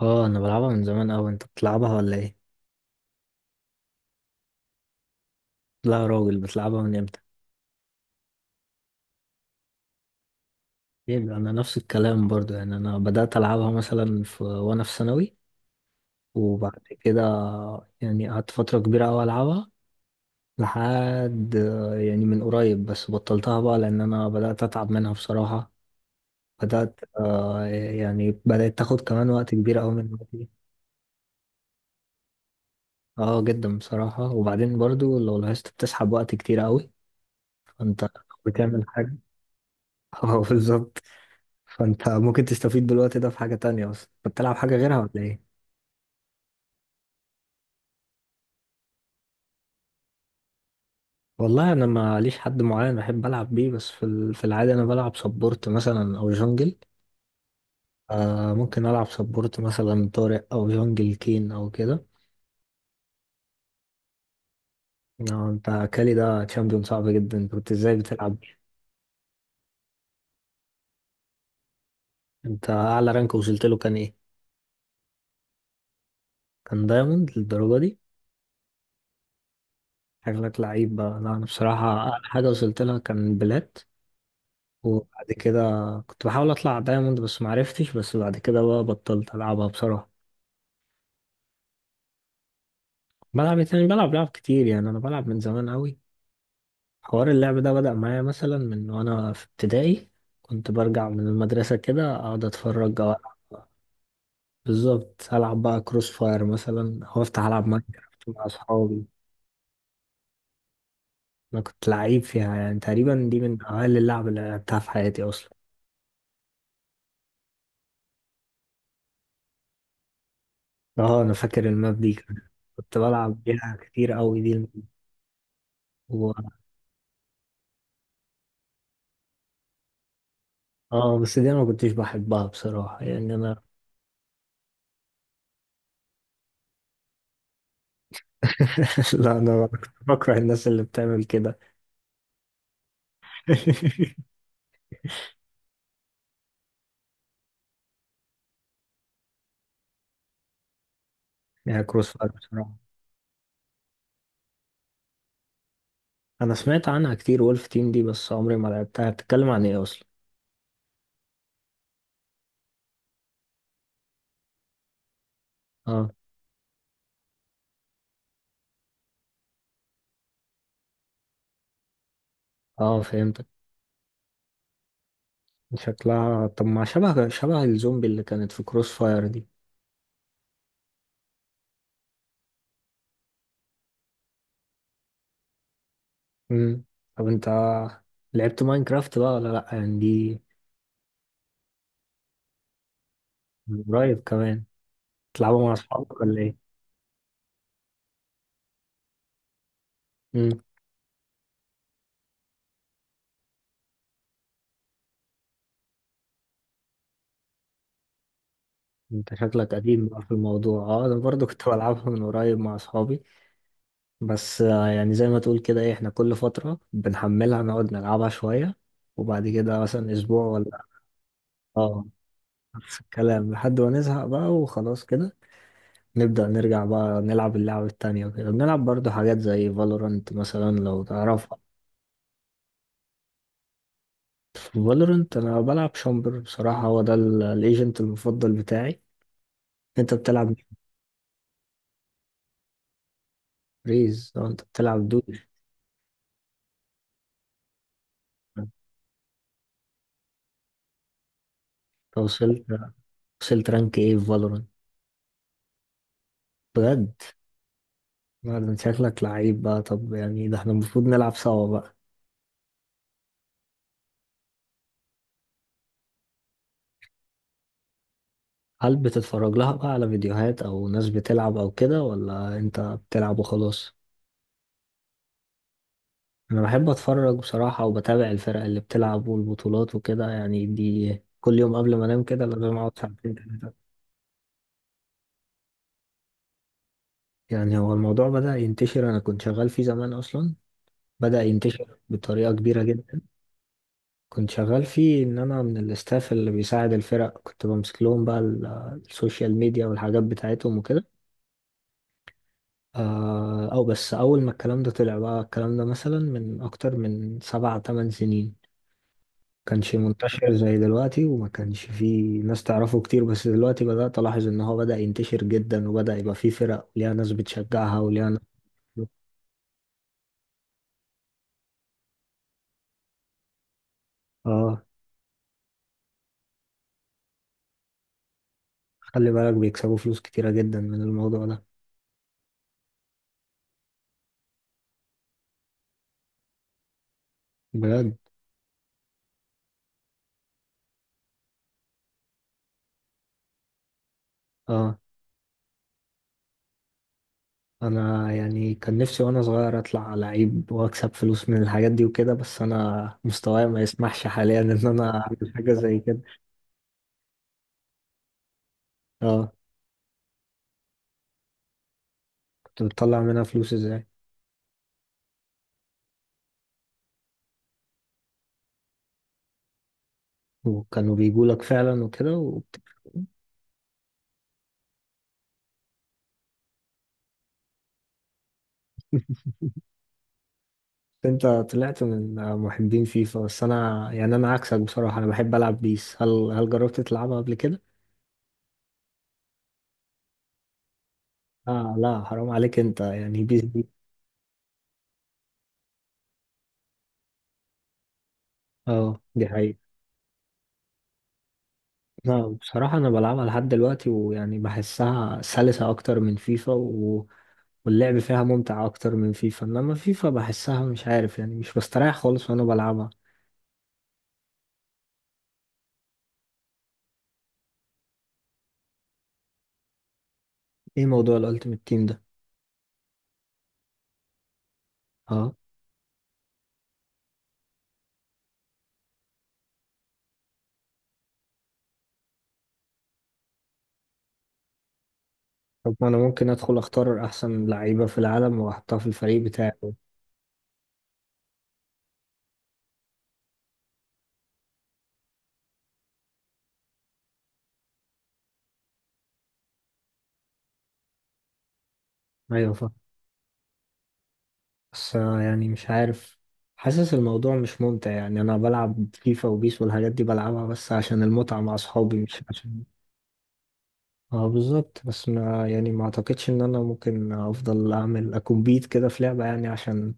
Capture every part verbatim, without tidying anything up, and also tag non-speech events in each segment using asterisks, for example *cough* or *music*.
اه، انا بلعبها من زمان اوي. انت بتلعبها ولا ايه؟ لا يا راجل، بتلعبها من امتى؟ ايه ده، انا نفس الكلام برضو. يعني انا بدأت العبها مثلا في وانا في ثانوي، وبعد كده يعني قعدت فترة كبيرة اوي العبها لحد آه، يعني من قريب، بس بطلتها بقى لان انا بدأت اتعب منها بصراحة. بدأت آه يعني بدأت تاخد كمان وقت كبير اوي من وقتي. اه جدا بصراحة، وبعدين برضو لو لاحظت بتسحب وقت كتير اوي. فانت بتعمل حاجة؟ *laughs* اه بالظبط. فانت ممكن تستفيد بالوقت ده في حاجة تانية، بس انت بتلعب حاجة غيرها ولا ايه؟ والله انا ما ليش حد معين بحب العب بيه، بس في ال- في العادة انا بلعب سبورت مثلا او جونجل. آه ممكن العب سبورت مثلا طارق او جونجل كين او كده. آه انت كالي ده تشامبيون صعب جدا، انت كنت ازاي بتلعب؟ انت اعلى رانك وصلت له كان ايه؟ كان دايموند للدرجة دي؟ شكلك لعيب بقى. لا، انا بصراحة اعلى حاجة وصلت لها كان بلات، وبعد كده كنت بحاول اطلع دايموند بس معرفتش، بس بعد كده بقى بطلت العبها بصراحة. بلعب إيه تاني؟ بلعب لعب كتير، يعني انا بلعب من زمان قوي. حوار اللعب ده بدأ معايا مثلا من وانا في ابتدائي. كنت برجع من المدرسة كده اقعد اتفرج او ألعب. بالظبط، العب بقى كروس فاير مثلا او افتح العب ماينكرافت مع اصحابي. انا كنت لعيب فيها، يعني تقريبا دي من اقل اللعب اللي لعبتها في حياتي اصلا. اه، انا فاكر الماب دي كمان. كنت بلعب بيها كتير قوي، دي الم- و... اه بس دي انا ما كنتش بحبها بصراحة. يعني انا *laughs* لا، انا كنت بكره الناس اللي بتعمل كده. *laughs* هي كروس فاير بصراحة. أنا سمعت عنها كتير وولف تيم دي، بس عمري ما لعبتها، بتتكلم عن إيه أصلا؟ أه. أه، فهمتك. شكلها طب ما شبه شبه الزومبي اللي كانت في كروس فاير دي. مم. طب أنت لعبت ماينكرافت بقى ولا لأ؟ يعني دي من قريب كمان. تلعبها مع أصحابك ولا إيه؟ مم. أنت شكلك قديم بقى في الموضوع. أه أنا برضو كنت *laughs* بلعبها من قريب مع أصحابي. بس آه، يعني زي ما تقول كده، إيه، إحنا كل فترة بنحملها نقعد نلعبها شوية، وبعد كده مثلا أسبوع ولا اه نفس الكلام، لحد ما نزهق بقى وخلاص كده. نبدأ نرجع بقى نلعب اللعبة التانية وكده، بنلعب برضو حاجات زي فالورانت مثلا، لو تعرفها. فالورانت أنا بلعب شامبر بصراحة، هو ده ال- الايجنت المفضل بتاعي. أنت بتلعب ريز أو أنت بتلعب دوش؟ أنت وصلت وصلت رانك إيه في فالورانت؟ بجد؟ لا، ده أنت شكلك لعيب بقى. طب يعني ده احنا المفروض نلعب سوا بقى. هل بتتفرج لها بقى على فيديوهات أو ناس بتلعب أو كده، ولا أنت بتلعب وخلاص؟ انا بحب اتفرج بصراحة، وبتابع الفرق اللي بتلعب والبطولات وكده. يعني دي كل يوم قبل ما انام كده لازم اقعد ساعتين تلاتة. يعني هو الموضوع بدأ ينتشر، انا كنت شغال فيه زمان اصلا. بدأ ينتشر بطريقة كبيرة جدا. كنت شغال فيه ان انا من الاستاف اللي بيساعد الفرق، كنت بمسك لهم بقى ال- السوشيال ميديا والحاجات بتاعتهم وكده. آه، او بس اول ما الكلام ده طلع بقى، الكلام ده مثلا من اكتر من سبع تمن سنين. كانش منتشر زي دلوقتي، وما كانش فيه ناس تعرفه كتير، بس دلوقتي بدأت ألاحظ إن هو بدأ ينتشر جدا، وبدأ يبقى فيه فرق وليها ناس بتشجعها وليها ناس. اه، خلي بالك بيكسبوا فلوس كتيرة جدا من الموضوع ده. بجد؟ اه، أنا يعني كان نفسي وأنا صغير أطلع لعيب وأكسب فلوس من الحاجات دي وكده، بس أنا مستواي ما يسمحش حاليا إن أنا أعمل حاجة زي كده. اه، كنت بتطلع منها فلوس إزاي؟ وكانوا بيجولك فعلا وكده وبت... انت طلعت من محبين فيفا، بس انا يعني انا عكسك بصراحة، انا بحب العب بيس. هل هل جربت تلعبها قبل كده؟ اه لا، حرام عليك انت يعني بيس دي. اه دي حقيقة. لا بصراحة انا بلعبها لحد دلوقتي، ويعني بحسها سلسة اكتر من فيفا و... واللعب فيها ممتع اكتر من فيفا، انما فيفا بحسها مش عارف، يعني مش بستريح خالص وانا بلعبها. ايه موضوع الالتيميت تيم ده؟ اه. طب ما انا ممكن ادخل اختار احسن لعيبة في العالم واحطها في الفريق بتاعي؟ ايوه، بس يعني مش عارف، حاسس الموضوع مش ممتع. يعني انا بلعب فيفا وبيس والحاجات دي بلعبها بس عشان المتعة مع اصحابي مش عشان. اه بالظبط، بس ما يعني ما اعتقدش ان انا ممكن افضل اعمل اكمبيت كده في لعبة، يعني عشان.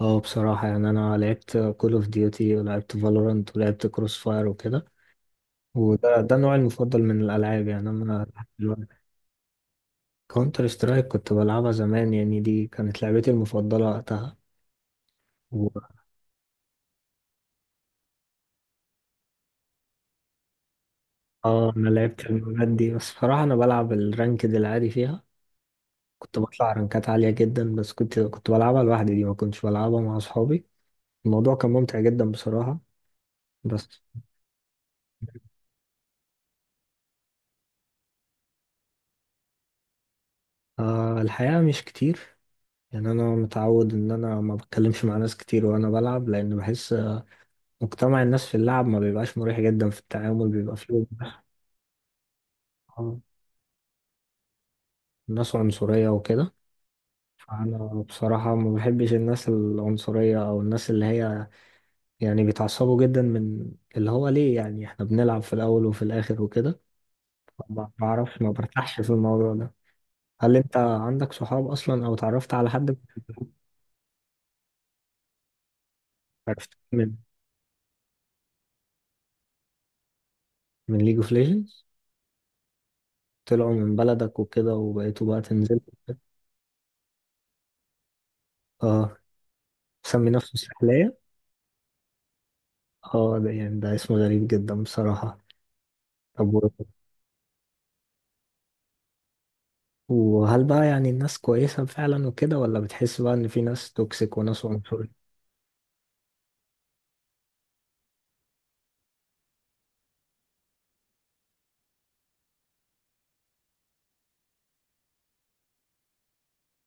اه بصراحة يعني انا لعبت كول اوف ديوتي ولعبت فالورانت ولعبت كروس فاير وكده. وده ده نوعي المفضل من الالعاب، يعني انا. كونتر سترايك كنت بلعبها زمان، يعني دي كانت لعبتي المفضلة وقتها. اه، انا لعبت المبات دي، بس بصراحة انا بلعب الرانكد العادي فيها. كنت بطلع رانكات عالية جدا، بس كنت كنت بلعبها لوحدي، دي ما كنتش بلعبها مع اصحابي. الموضوع كان ممتع جدا بصراحة. بس آه الحقيقة مش كتير. يعني انا متعود ان انا ما بتكلمش مع ناس كتير وانا بلعب، لان بحس مجتمع الناس في اللعب ما بيبقاش مريح جدا في التعامل، بيبقى فيه آه، ناس عنصرية وكده. فانا بصراحة ما بحبش الناس العنصرية او الناس اللي هي يعني بيتعصبوا جدا من اللي هو ليه، يعني احنا بنلعب في الاول وفي الاخر وكده. ما بعرفش، ما برتاحش في الموضوع ده. هل انت عندك صحاب اصلا او اتعرفت على حد؟ عرفت من من ليج اوف ليجندز. طلعوا من بلدك وكده وبقيتوا بقى تنزلوا؟ اه، مسمي نفسه سحلية. اه، ده يعني ده اسم غريب جدا بصراحة. طب و- وهل بقى يعني الناس كويسة فعلا وكده، ولا بتحس بقى ان في ناس توكسيك وناس عنصرية؟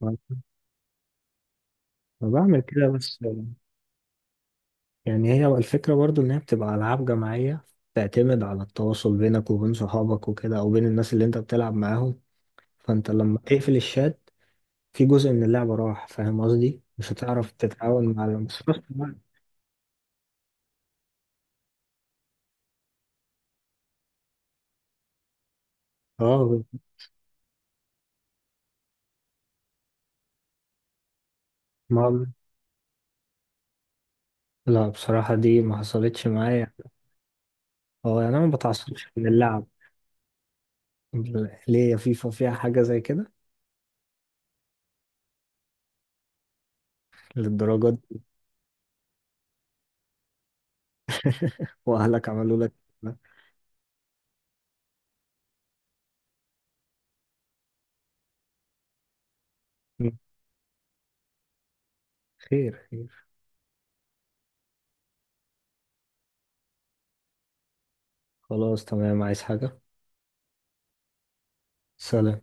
ما بعمل كده، بس يعني هي الفكرة برضو إن هي بتبقى ألعاب جماعية، تعتمد على التواصل بينك وبين صحابك وكده، أو بين الناس اللي أنت بتلعب معاهم. فأنت لما تقفل الشات، في جزء من اللعبة راح، فاهم قصدي؟ مش هتعرف تتعاون مع ال- بس في نفس الوقت- اه ما لا بصراحة دي ما حصلتش معايا. اه يعني أنا ما بتعصبش من اللعب. ليه؟ يا فيفا فيها حاجة زي كده؟ للدرجة دي؟ *laughs* وأهلك عملوا لك كده؟ خير خير. خلاص تمام، عايز حاجة؟ سلام.